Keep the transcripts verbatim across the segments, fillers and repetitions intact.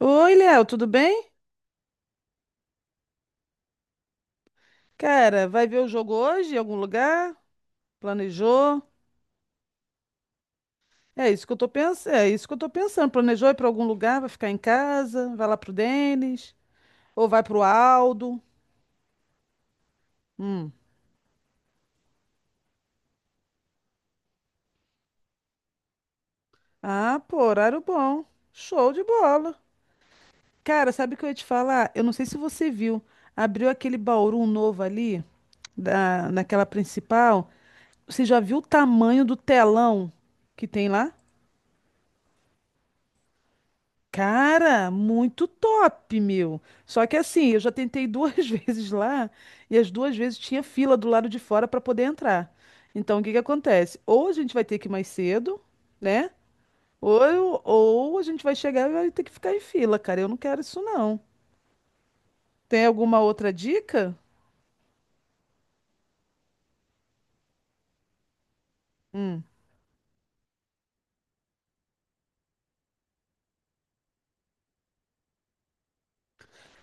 Oi, Léo, tudo bem? Cara, vai ver o jogo hoje em algum lugar? Planejou? É isso que eu tô pensando, é isso que eu tô pensando. Planejou ir para algum lugar, vai ficar em casa, vai lá pro Denis ou vai pro Aldo? Hum. Ah, pô, horário bom. Show de bola. Cara, sabe o que eu ia te falar? Eu não sei se você viu, abriu aquele Bauru novo ali da naquela principal. Você já viu o tamanho do telão que tem lá? Cara, muito top, meu. Só que assim, eu já tentei duas vezes lá e as duas vezes tinha fila do lado de fora para poder entrar. Então, o que que acontece? Ou a gente vai ter que ir mais cedo, né? Ou, eu- ou a gente vai chegar e vai ter que ficar em fila, cara. Eu não quero isso, não. Tem alguma outra dica? Hum.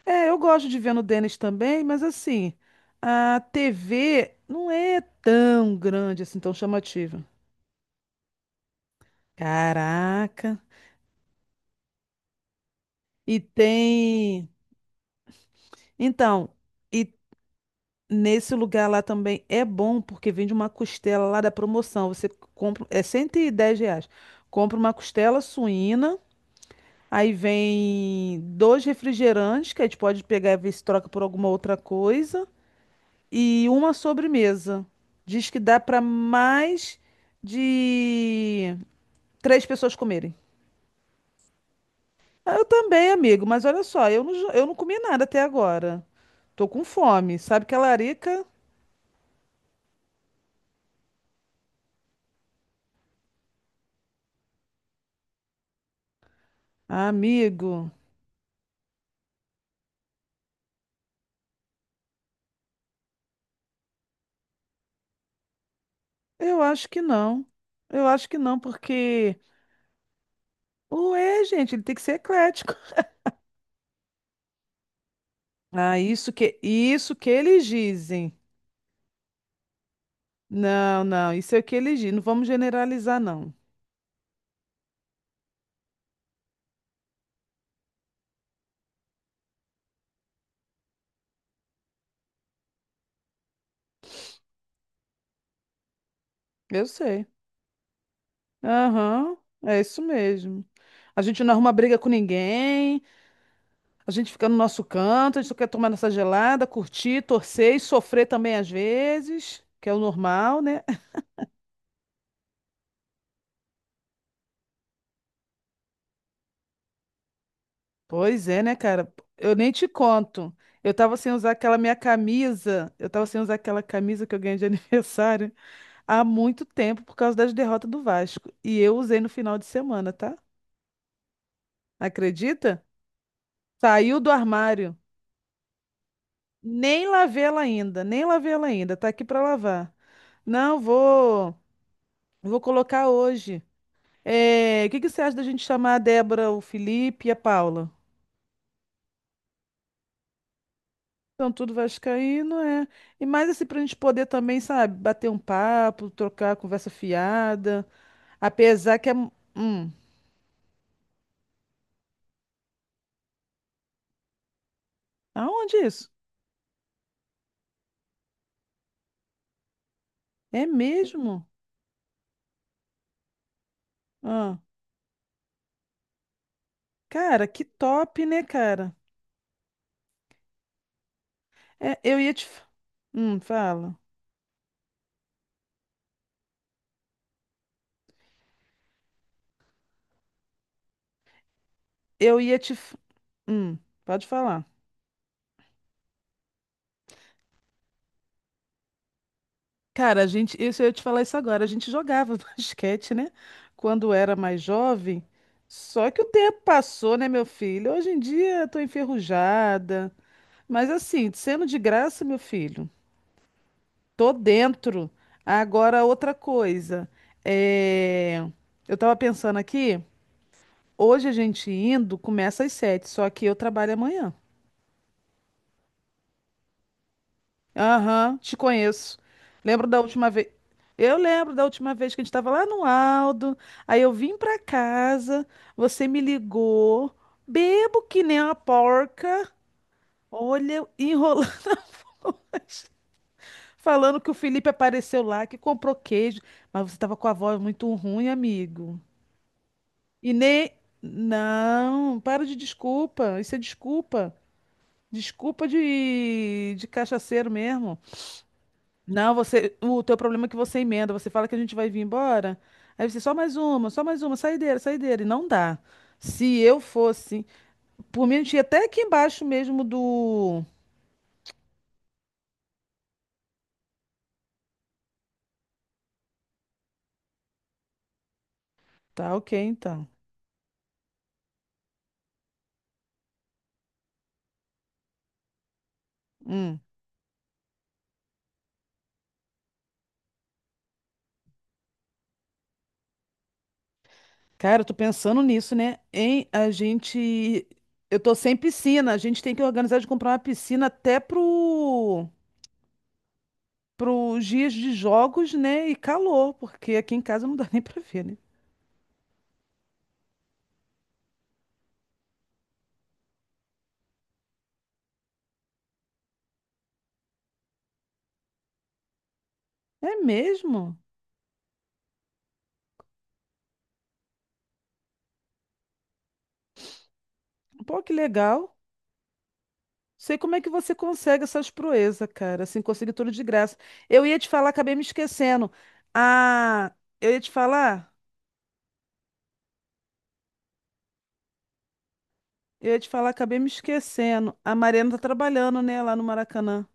É, eu gosto de ver no Denis também, mas assim, a T V não é tão grande assim, tão chamativa. Caraca. E tem. Então, e nesse lugar lá também é bom porque vende uma costela lá da promoção. Você compra, é cento e dez reais. Compra uma costela suína, aí vem dois refrigerantes, que a gente pode pegar e ver se troca por alguma outra coisa, e uma sobremesa. Diz que dá para mais de três pessoas comerem. Ah, eu também, amigo, mas olha só, eu não, jo- eu não comi nada até agora. Tô com fome. Sabe que a larica. Ah, amigo. Eu acho que não. Eu acho que não, porque ué, gente, ele tem que ser eclético. Ah, isso que isso que eles dizem. Não, não, isso é o que eles dizem. Não vamos generalizar, não. Eu sei. Aham, é isso mesmo. A gente não arruma briga com ninguém, a gente fica no nosso canto, a gente só quer tomar nossa gelada, curtir, torcer e sofrer também às vezes, que é o normal, né? Pois é, né, cara? Eu nem te conto. Eu tava sem usar aquela minha camisa. Eu tava sem usar aquela camisa que eu ganhei de aniversário há muito tempo por causa das derrotas do Vasco. E eu usei no final de semana, tá? Acredita? Saiu do armário. Nem lavei ela ainda, nem lavei ela ainda. Tá aqui pra lavar. Não, vou, vou colocar hoje. É, o que que você acha da gente chamar a Débora, o Felipe e a Paula? Então, tudo vascaíno, é. E mais assim, pra gente poder também, sabe, bater um papo, trocar conversa fiada. Apesar que é. Hum, aonde isso? É mesmo? Ah, cara, que top, né, cara? É, eu ia te. f- Hum, fala. Eu ia te. f- Hum, pode falar. Cara, a gente. Isso eu ia te falar isso agora. A gente jogava basquete, né? Quando era mais jovem. Só que o tempo passou, né, meu filho? Hoje em dia eu tô enferrujada. Mas assim, sendo de graça, meu filho, tô dentro. Agora, outra coisa. É... Eu tava pensando aqui, hoje a gente indo começa às sete, só que eu trabalho amanhã. Aham, te conheço. Lembro da última vez. Eu lembro da última vez que a gente estava lá no Aldo. Aí eu vim pra casa, você me ligou, bebo que nem uma porca. Olha, enrolando. Falando que o Felipe apareceu lá, que comprou queijo, mas você tava com a voz muito ruim, amigo. E nem. Não, para de desculpa. Isso é desculpa. Desculpa de, de, cachaceiro mesmo. Não, você. O teu problema é que você emenda. Você fala que a gente vai vir embora. Aí você, só mais uma, só mais uma, saideira, saideira. E não dá. Se eu fosse. Por mim, a gente ia até aqui embaixo mesmo do. Tá, ok, então. Hum. Cara, eu tô pensando nisso, né? Em a gente. Eu tô sem piscina. A gente tem que organizar de comprar uma piscina até pro... Pros dias de jogos, né? E calor, porque aqui em casa não dá nem pra ver, né? É mesmo? Pô, que legal. Sei como é que você consegue essas proezas, cara. Assim, conseguir tudo de graça. Eu ia te falar, acabei me esquecendo. Ah, eu ia te falar. Eu ia te falar, acabei me esquecendo. A Mariana tá trabalhando, né? Lá no Maracanã.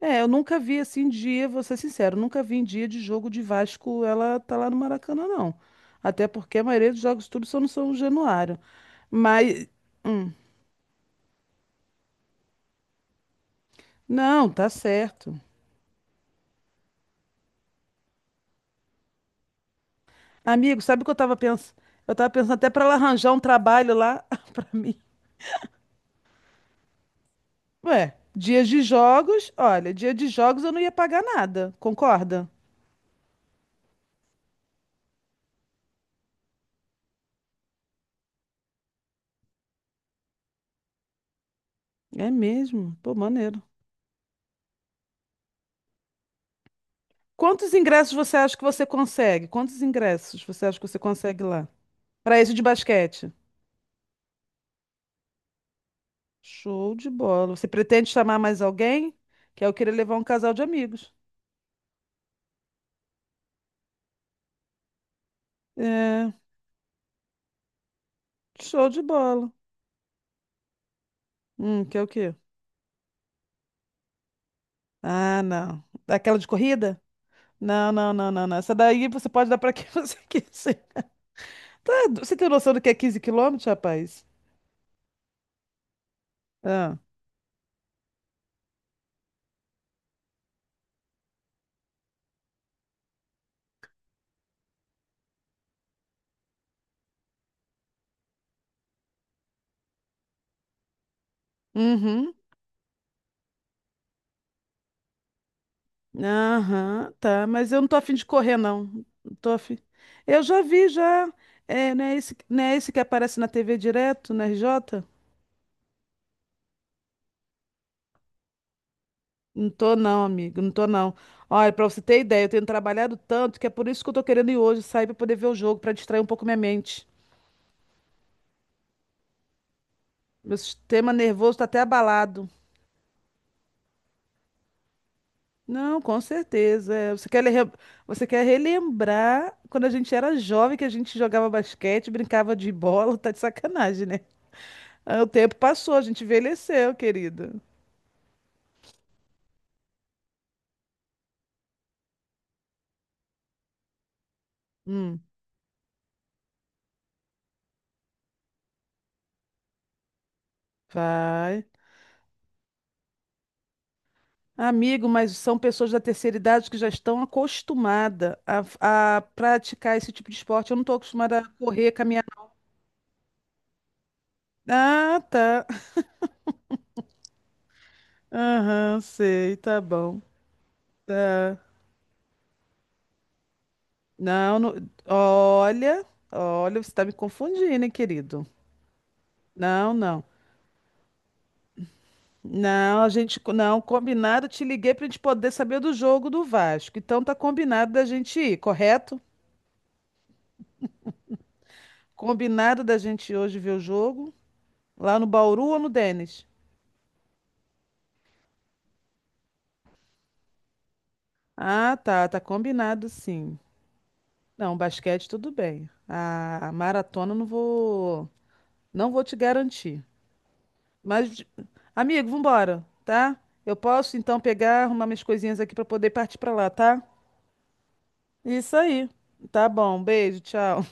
É, eu nunca vi assim dia, vou ser sincero, nunca vi em dia de jogo de Vasco ela tá lá no Maracanã, não. Até porque a maioria dos jogos tudo só não são no São Januário. Mas, não, tá certo. Amigo, sabe o que eu tava pensando? Eu tava pensando até pra ela arranjar um trabalho lá pra mim. Ué, dias de jogos, olha, dia de jogos eu não ia pagar nada, concorda? É mesmo? Pô, maneiro. Quantos ingressos você acha que você consegue? Quantos ingressos você acha que você consegue lá? Pra esse de basquete? Show de bola. Você pretende chamar mais alguém? Que eu queria levar um casal de amigos. É, show de bola. Hum, que é o quê? Ah, não. Daquela de corrida? Não, não, não, não, não. Essa daí você pode dar pra quem você quiser. Tá, você tem noção do que é quinze quilômetros, rapaz? Ah. Uhum. Aham, tá. Mas eu não tô afim de correr, não. Não tô afim. Eu já vi, já. É, não é esse, não é esse que aparece na T V direto, na R J? Não tô não, amigo, não tô não. Olha, pra você ter ideia, eu tenho trabalhado tanto que é por isso que eu tô querendo ir hoje sair pra poder ver o jogo, pra distrair um pouco minha mente. Meu sistema nervoso tá até abalado. Não, com certeza. É, Você quer, lem- você quer relembrar quando a gente era jovem que a gente jogava basquete, brincava de bola, tá de sacanagem, né? Ah, o tempo passou, a gente envelheceu, querida. Hum, vai. Amigo, mas são pessoas da terceira idade que já estão acostumadas a, a praticar esse tipo de esporte. Eu não estou acostumada a correr, caminhar. Ah, tá. Aham, sei, tá bom. Tá. Não, não- olha, olha, você está me confundindo, hein, querido? Não, não. Não, a gente, não, combinado, eu te liguei para a gente poder saber do jogo do Vasco. Então tá combinado da gente ir, correto? Combinado da gente ir hoje ver o jogo lá no Bauru ou no Denis? Ah, tá, tá combinado sim. Não, basquete tudo bem. A a maratona eu não vou, não vou te garantir. Mas, de- amigo, vambora, tá? Eu posso então pegar, arrumar minhas coisinhas aqui pra poder partir pra lá, tá? Isso aí. Tá bom, beijo, tchau.